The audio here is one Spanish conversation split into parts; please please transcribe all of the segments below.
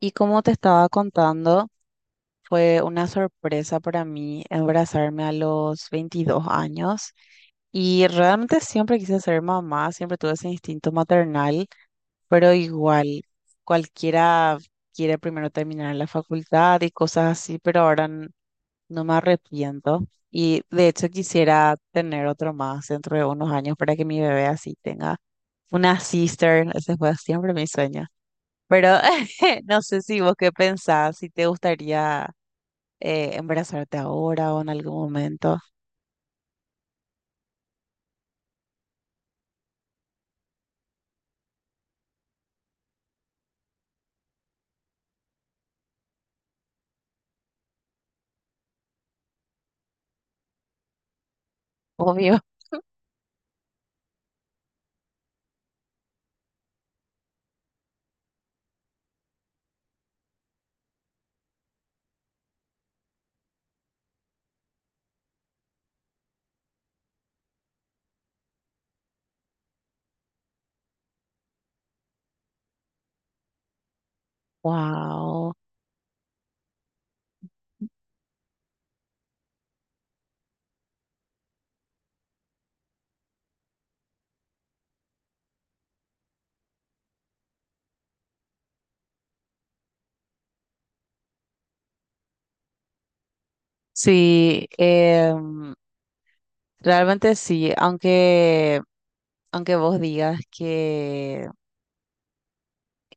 Y como te estaba contando, fue una sorpresa para mí embarazarme a los 22 años y realmente siempre quise ser mamá, siempre tuve ese instinto maternal, pero igual cualquiera quiere primero terminar la facultad y cosas así, pero ahora no me arrepiento y de hecho quisiera tener otro más dentro de unos años para que mi bebé así tenga una sister, ese fue siempre mi sueño. Pero no sé si vos qué pensás, si te gustaría embarazarte ahora o en algún momento. Obvio. Wow. Sí, realmente sí, aunque vos digas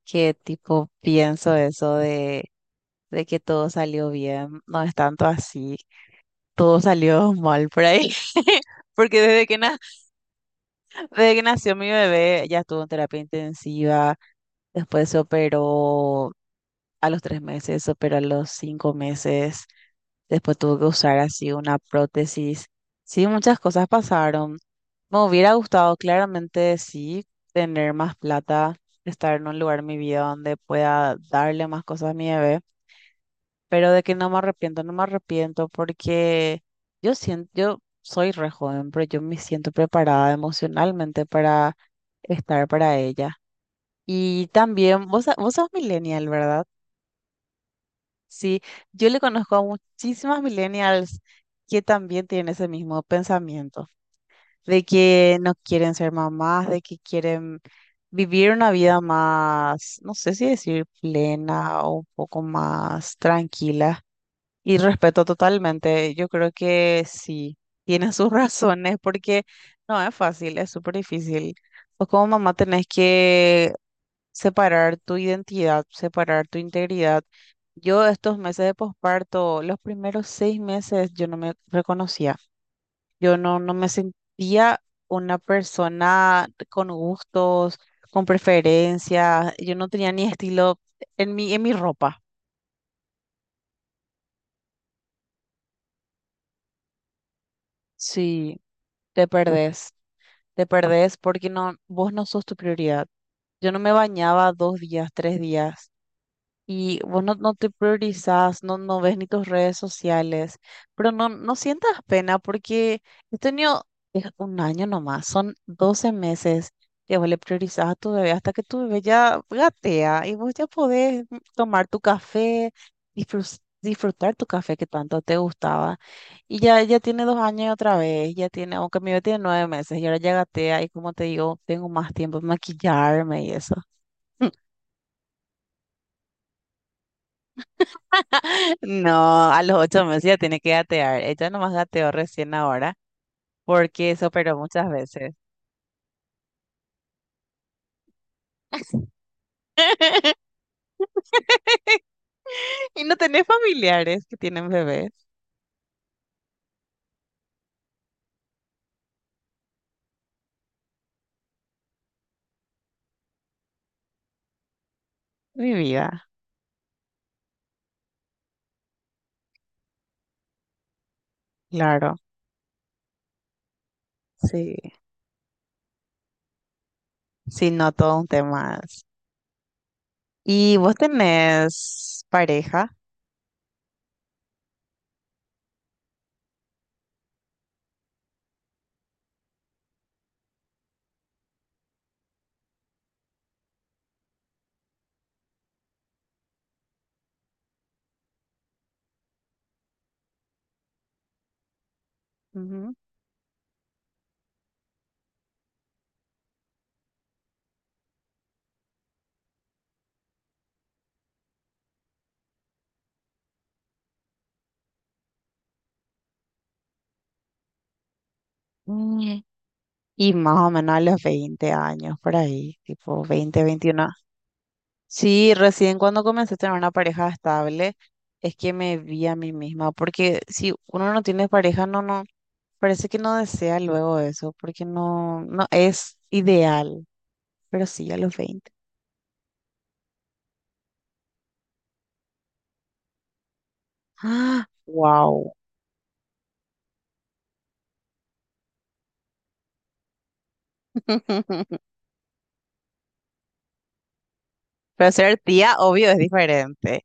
que tipo pienso eso de que todo salió bien, no es tanto así, todo salió mal por ahí, porque desde que nació mi bebé ya estuvo en terapia intensiva, después se operó a los 3 meses, se operó a los 5 meses, después tuvo que usar así una prótesis, sí, muchas cosas pasaron, me hubiera gustado claramente sí tener más plata, estar en un lugar en mi vida donde pueda darle más cosas a mi bebé, pero de que no me arrepiento, no me arrepiento porque yo siento, yo soy re joven, pero yo me siento preparada emocionalmente para estar para ella. Y también, vos, vos sos millennial, ¿verdad? Sí, yo le conozco a muchísimas millennials que también tienen ese mismo pensamiento, de que no quieren ser mamás, de que quieren vivir una vida más, no sé si decir plena o un poco más tranquila, y respeto totalmente. Yo creo que sí, tiene sus razones porque no es fácil, es súper difícil. Vos como mamá tenés que separar tu identidad, separar tu integridad. Yo estos meses de posparto, los primeros 6 meses, yo no me reconocía. Yo no me sentía una persona con gustos, con preferencias. Yo no tenía ni estilo en mi ropa. Sí, te uf, perdés. Te perdés porque no, vos no sos tu prioridad. Yo no me bañaba 2 días, 3 días y vos no te priorizás, no ves ni tus redes sociales, pero no sientas pena porque este niño es un año nomás, son 12 meses que vos le priorizás a tu bebé hasta que tu bebé ya gatea y vos ya podés tomar tu café, disfrutar tu café que tanto te gustaba. Y ya, ya tiene 2 años otra vez, ya tiene, aunque mi bebé tiene 9 meses y ahora ya gatea y como te digo, tengo más tiempo de maquillarme y eso. No, a los 8 meses ya tiene que gatear. Ella nomás gateó recién ahora porque se operó muchas veces. Y no tenés familiares que tienen bebés. Mi vida, claro. Sí, sí, no todo un tema. Es. ¿Y vos tenés pareja? Ujú. Mm. Y más o menos a los 20 años, por ahí, tipo 20, 21. Sí, recién cuando comencé a tener una pareja estable, es que me vi a mí misma, porque si uno no tiene pareja, no, no, parece que no desea luego eso, porque no es ideal, pero sí a los veinte. ¡Ah! ¡Wow! Pero ser tía, obvio, es diferente,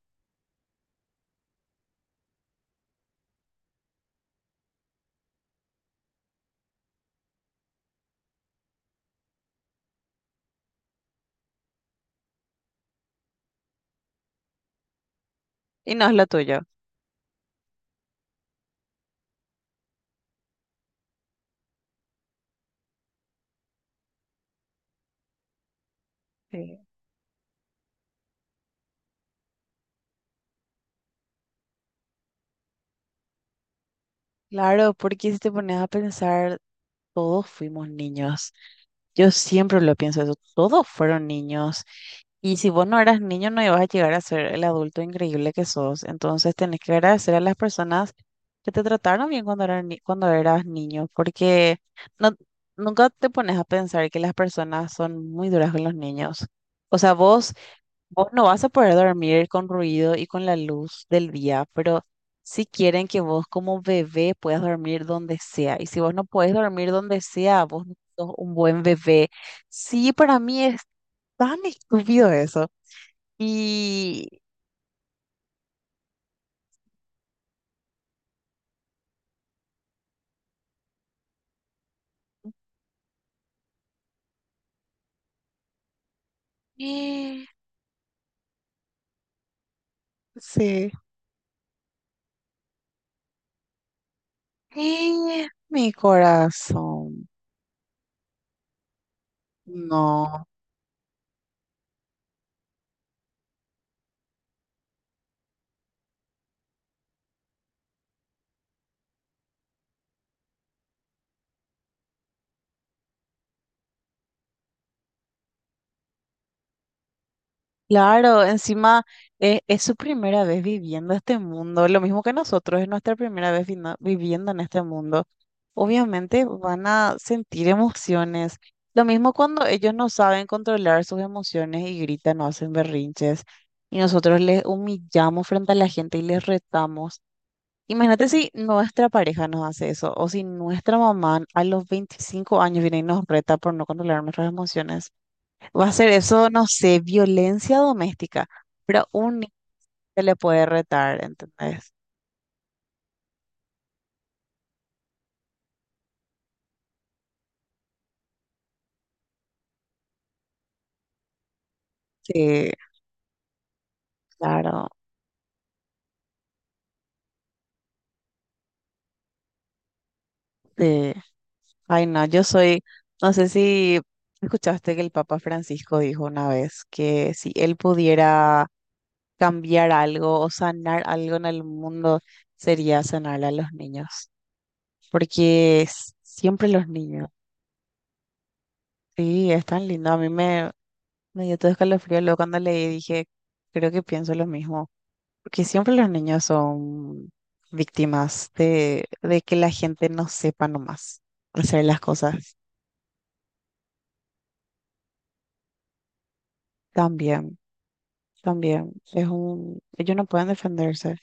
y no es lo tuyo. Sí. Claro, porque si te pones a pensar, todos fuimos niños. Yo siempre lo pienso eso. Todos fueron niños. Y si vos no eras niño, no ibas a llegar a ser el adulto increíble que sos. Entonces tenés que agradecer a las personas que te trataron bien cuando eras, cuando eras niño, porque no, nunca te pones a pensar que las personas son muy duras con los niños. O sea, vos... Vos no vas a poder dormir con ruido y con la luz del día, pero si quieren que vos como bebé puedas dormir donde sea. Y si vos no podés dormir donde sea, vos no sos un buen bebé. Sí, para mí es tan estúpido eso. Y... y... Sí. Y mi corazón. No. Claro, encima es, su primera vez viviendo este mundo, lo mismo que nosotros, es nuestra primera vez viviendo en este mundo. Obviamente van a sentir emociones, lo mismo cuando ellos no saben controlar sus emociones y gritan o hacen berrinches y nosotros les humillamos frente a la gente y les retamos. Imagínate si nuestra pareja nos hace eso o si nuestra mamá a los 25 años viene y nos reta por no controlar nuestras emociones. Va a ser eso, no sé, violencia doméstica, pero un niño se le puede retar, ¿entendés? Sí, claro, sí. Ay, no, yo soy, no sé si escuchaste que el Papa Francisco dijo una vez que si él pudiera cambiar algo o sanar algo en el mundo, sería sanar a los niños, porque siempre los niños, sí, es tan lindo. A mí me, dio todo escalofrío luego cuando leí, dije, creo que pienso lo mismo. Porque siempre los niños son víctimas de que la gente no sepa nomás hacer las cosas. También, también. Es un, ellos no pueden defenderse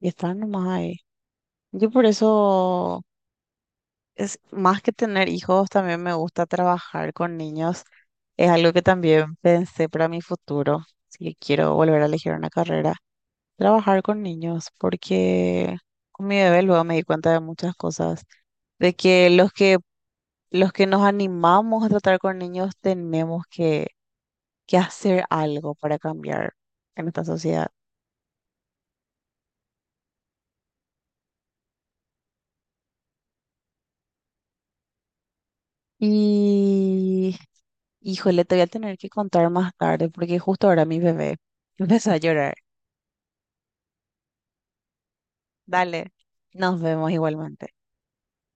y están nomás ahí. Yo por eso, es, más que tener hijos, también me gusta trabajar con niños. Es algo que también pensé para mi futuro, si quiero volver a elegir una carrera, trabajar con niños, porque con mi bebé luego me di cuenta de muchas cosas de que los que nos animamos a tratar con niños tenemos que hacer algo para cambiar en esta sociedad. Y, híjole, te voy a tener que contar más tarde porque justo ahora mi bebé empezó a llorar. Dale, nos vemos igualmente.